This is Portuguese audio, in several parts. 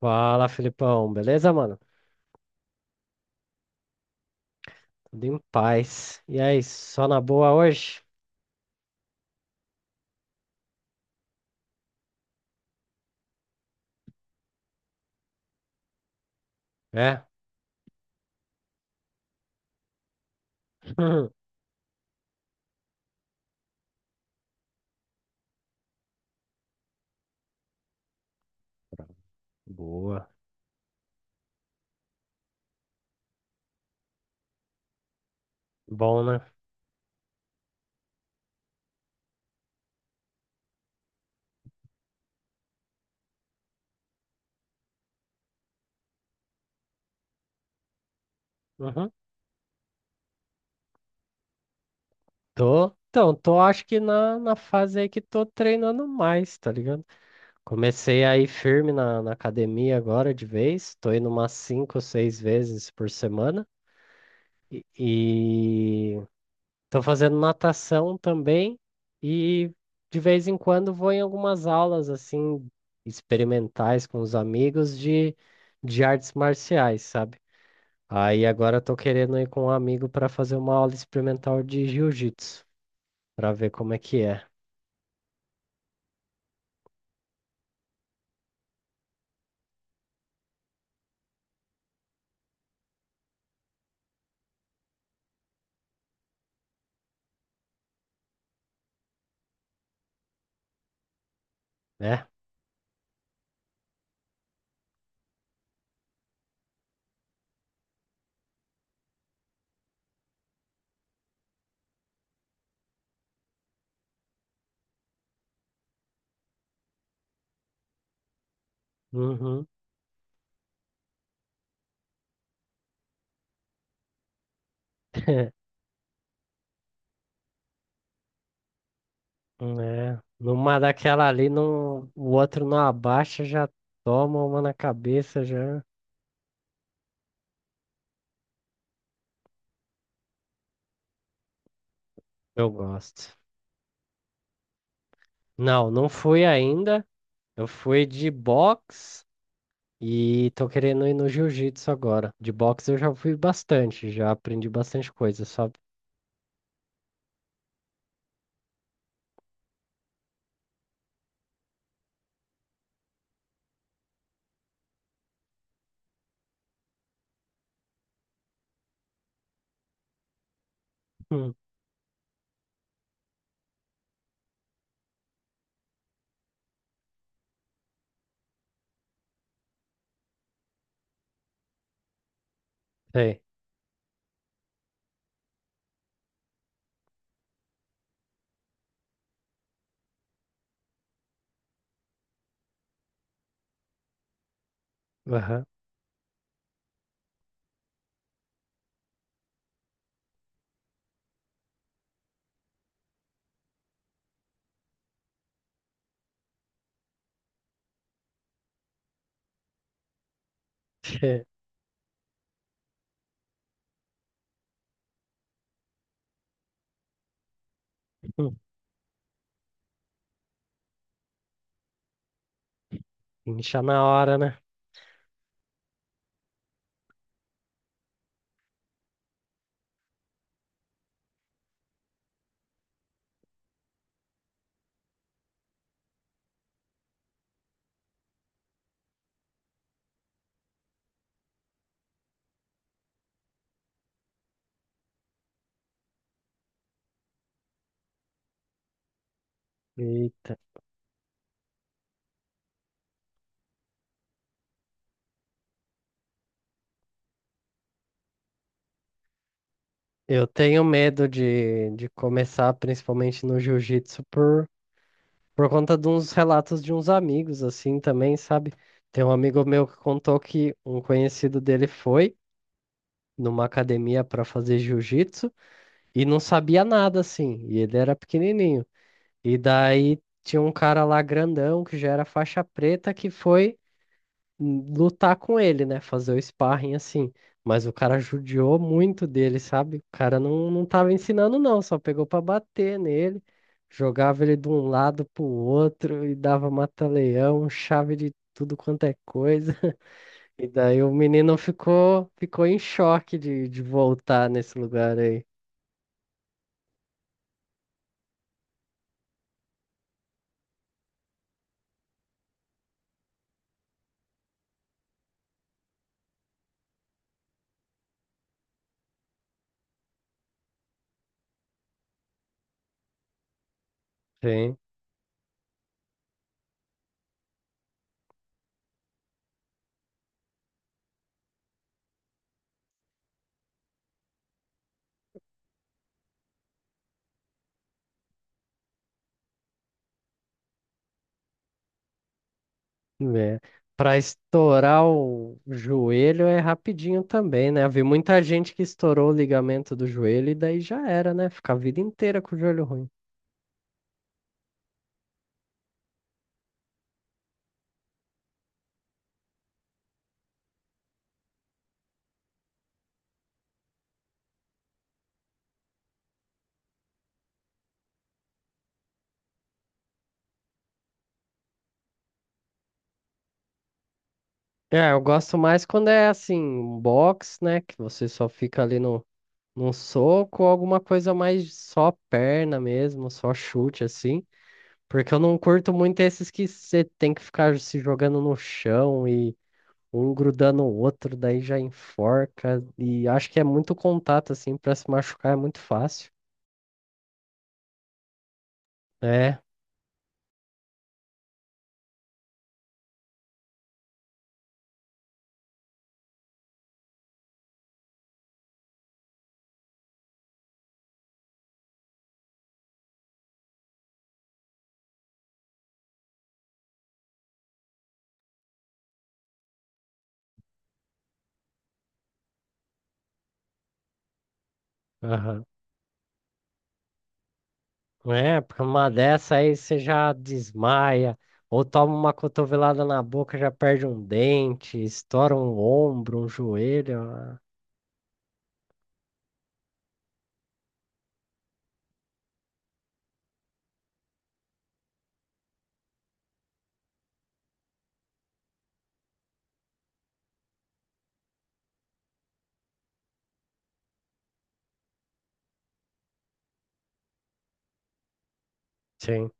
Fala, Felipão. Beleza, mano? Tudo em paz. E aí, só na boa hoje? É? Boa. Bom, né? Uhum. Tô. Então, tô acho que na fase aí que tô treinando mais, tá ligado? Comecei aí firme na academia agora de vez. Tô indo umas cinco, seis vezes por semana. E, estou fazendo natação também e de vez em quando vou em algumas aulas assim experimentais com os amigos de artes marciais, sabe? Aí agora estou querendo ir com um amigo para fazer uma aula experimental de jiu-jitsu, para ver como é que é, né? Uhum. É, numa daquela ali, não, o outro não abaixa, já toma uma na cabeça, já. Eu gosto. Não, não fui ainda. Eu fui de boxe e tô querendo ir no jiu-jitsu agora. De boxe eu já fui bastante, já aprendi bastante coisa, sabe? Hum, sei. Aham. Hum. Incha na hora, né? Eita. Eu tenho medo de começar, principalmente no jiu-jitsu, por conta de uns relatos de uns amigos, assim, também, sabe? Tem um amigo meu que contou que um conhecido dele foi numa academia para fazer jiu-jitsu e não sabia nada, assim, e ele era pequenininho. E daí tinha um cara lá grandão que já era faixa preta que foi, lutar com ele, né? Fazer o sparring assim. Mas o cara judiou muito dele, sabe? O cara não tava ensinando, não, só pegou pra bater nele, jogava ele de um lado pro outro e dava mata-leão, chave de tudo quanto é coisa. E daí o menino ficou, ficou em choque de voltar nesse lugar aí. Sim. Né, para estourar o joelho é rapidinho também, né? Eu vi muita gente que estourou o ligamento do joelho e daí já era, né? Fica a vida inteira com o joelho ruim. É, eu gosto mais quando é assim, um box, né? Que você só fica ali no, num soco, ou alguma coisa mais só perna mesmo, só chute assim. Porque eu não curto muito esses que você tem que ficar se jogando no chão e um grudando o outro, daí já enforca. E acho que é muito contato, assim, pra se machucar é muito fácil. É, aham. É, porque uma dessa aí você já desmaia, ou toma uma cotovelada na boca, já perde um dente, estoura um ombro, um joelho. Ah, sim.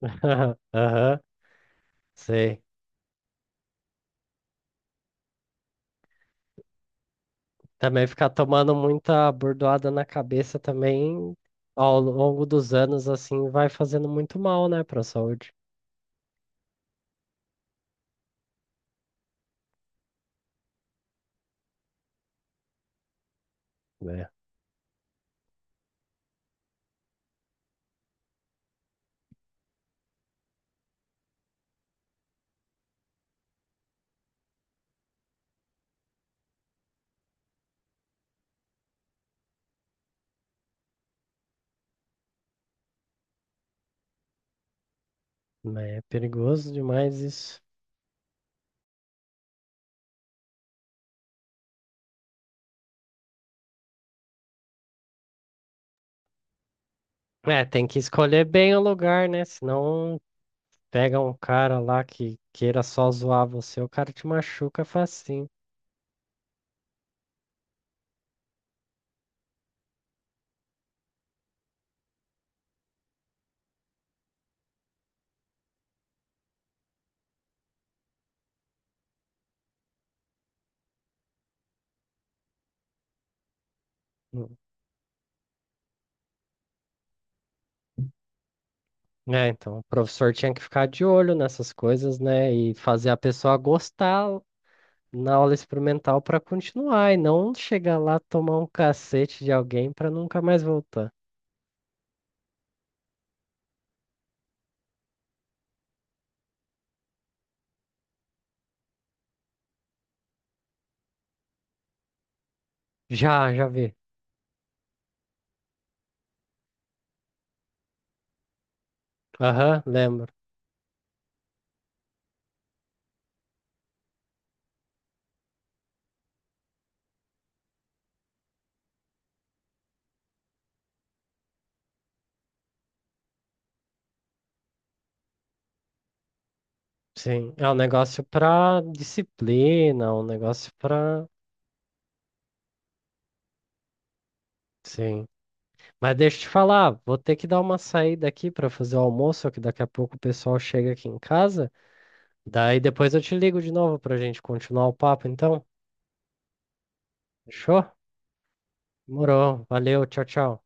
Aham, sei. Também ficar tomando muita bordoada na cabeça também, ao longo dos anos, assim, vai fazendo muito mal, né, pra saúde. Mas é perigoso demais isso. É, tem que escolher bem o lugar, né? Senão pega um cara lá que queira só zoar você, o cara te machuca facinho. Hum. É, então o professor tinha que ficar de olho nessas coisas, né? E fazer a pessoa gostar na aula experimental para continuar e não chegar lá tomar um cacete de alguém para nunca mais voltar. Já, já vi. Aham, lembro. Sim, é um negócio pra disciplina, um negócio pra. Sim. Mas deixa eu te falar, vou ter que dar uma saída aqui para fazer o almoço, que daqui a pouco o pessoal chega aqui em casa. Daí depois eu te ligo de novo para a gente continuar o papo, então. Fechou? Morou. Valeu, tchau, tchau.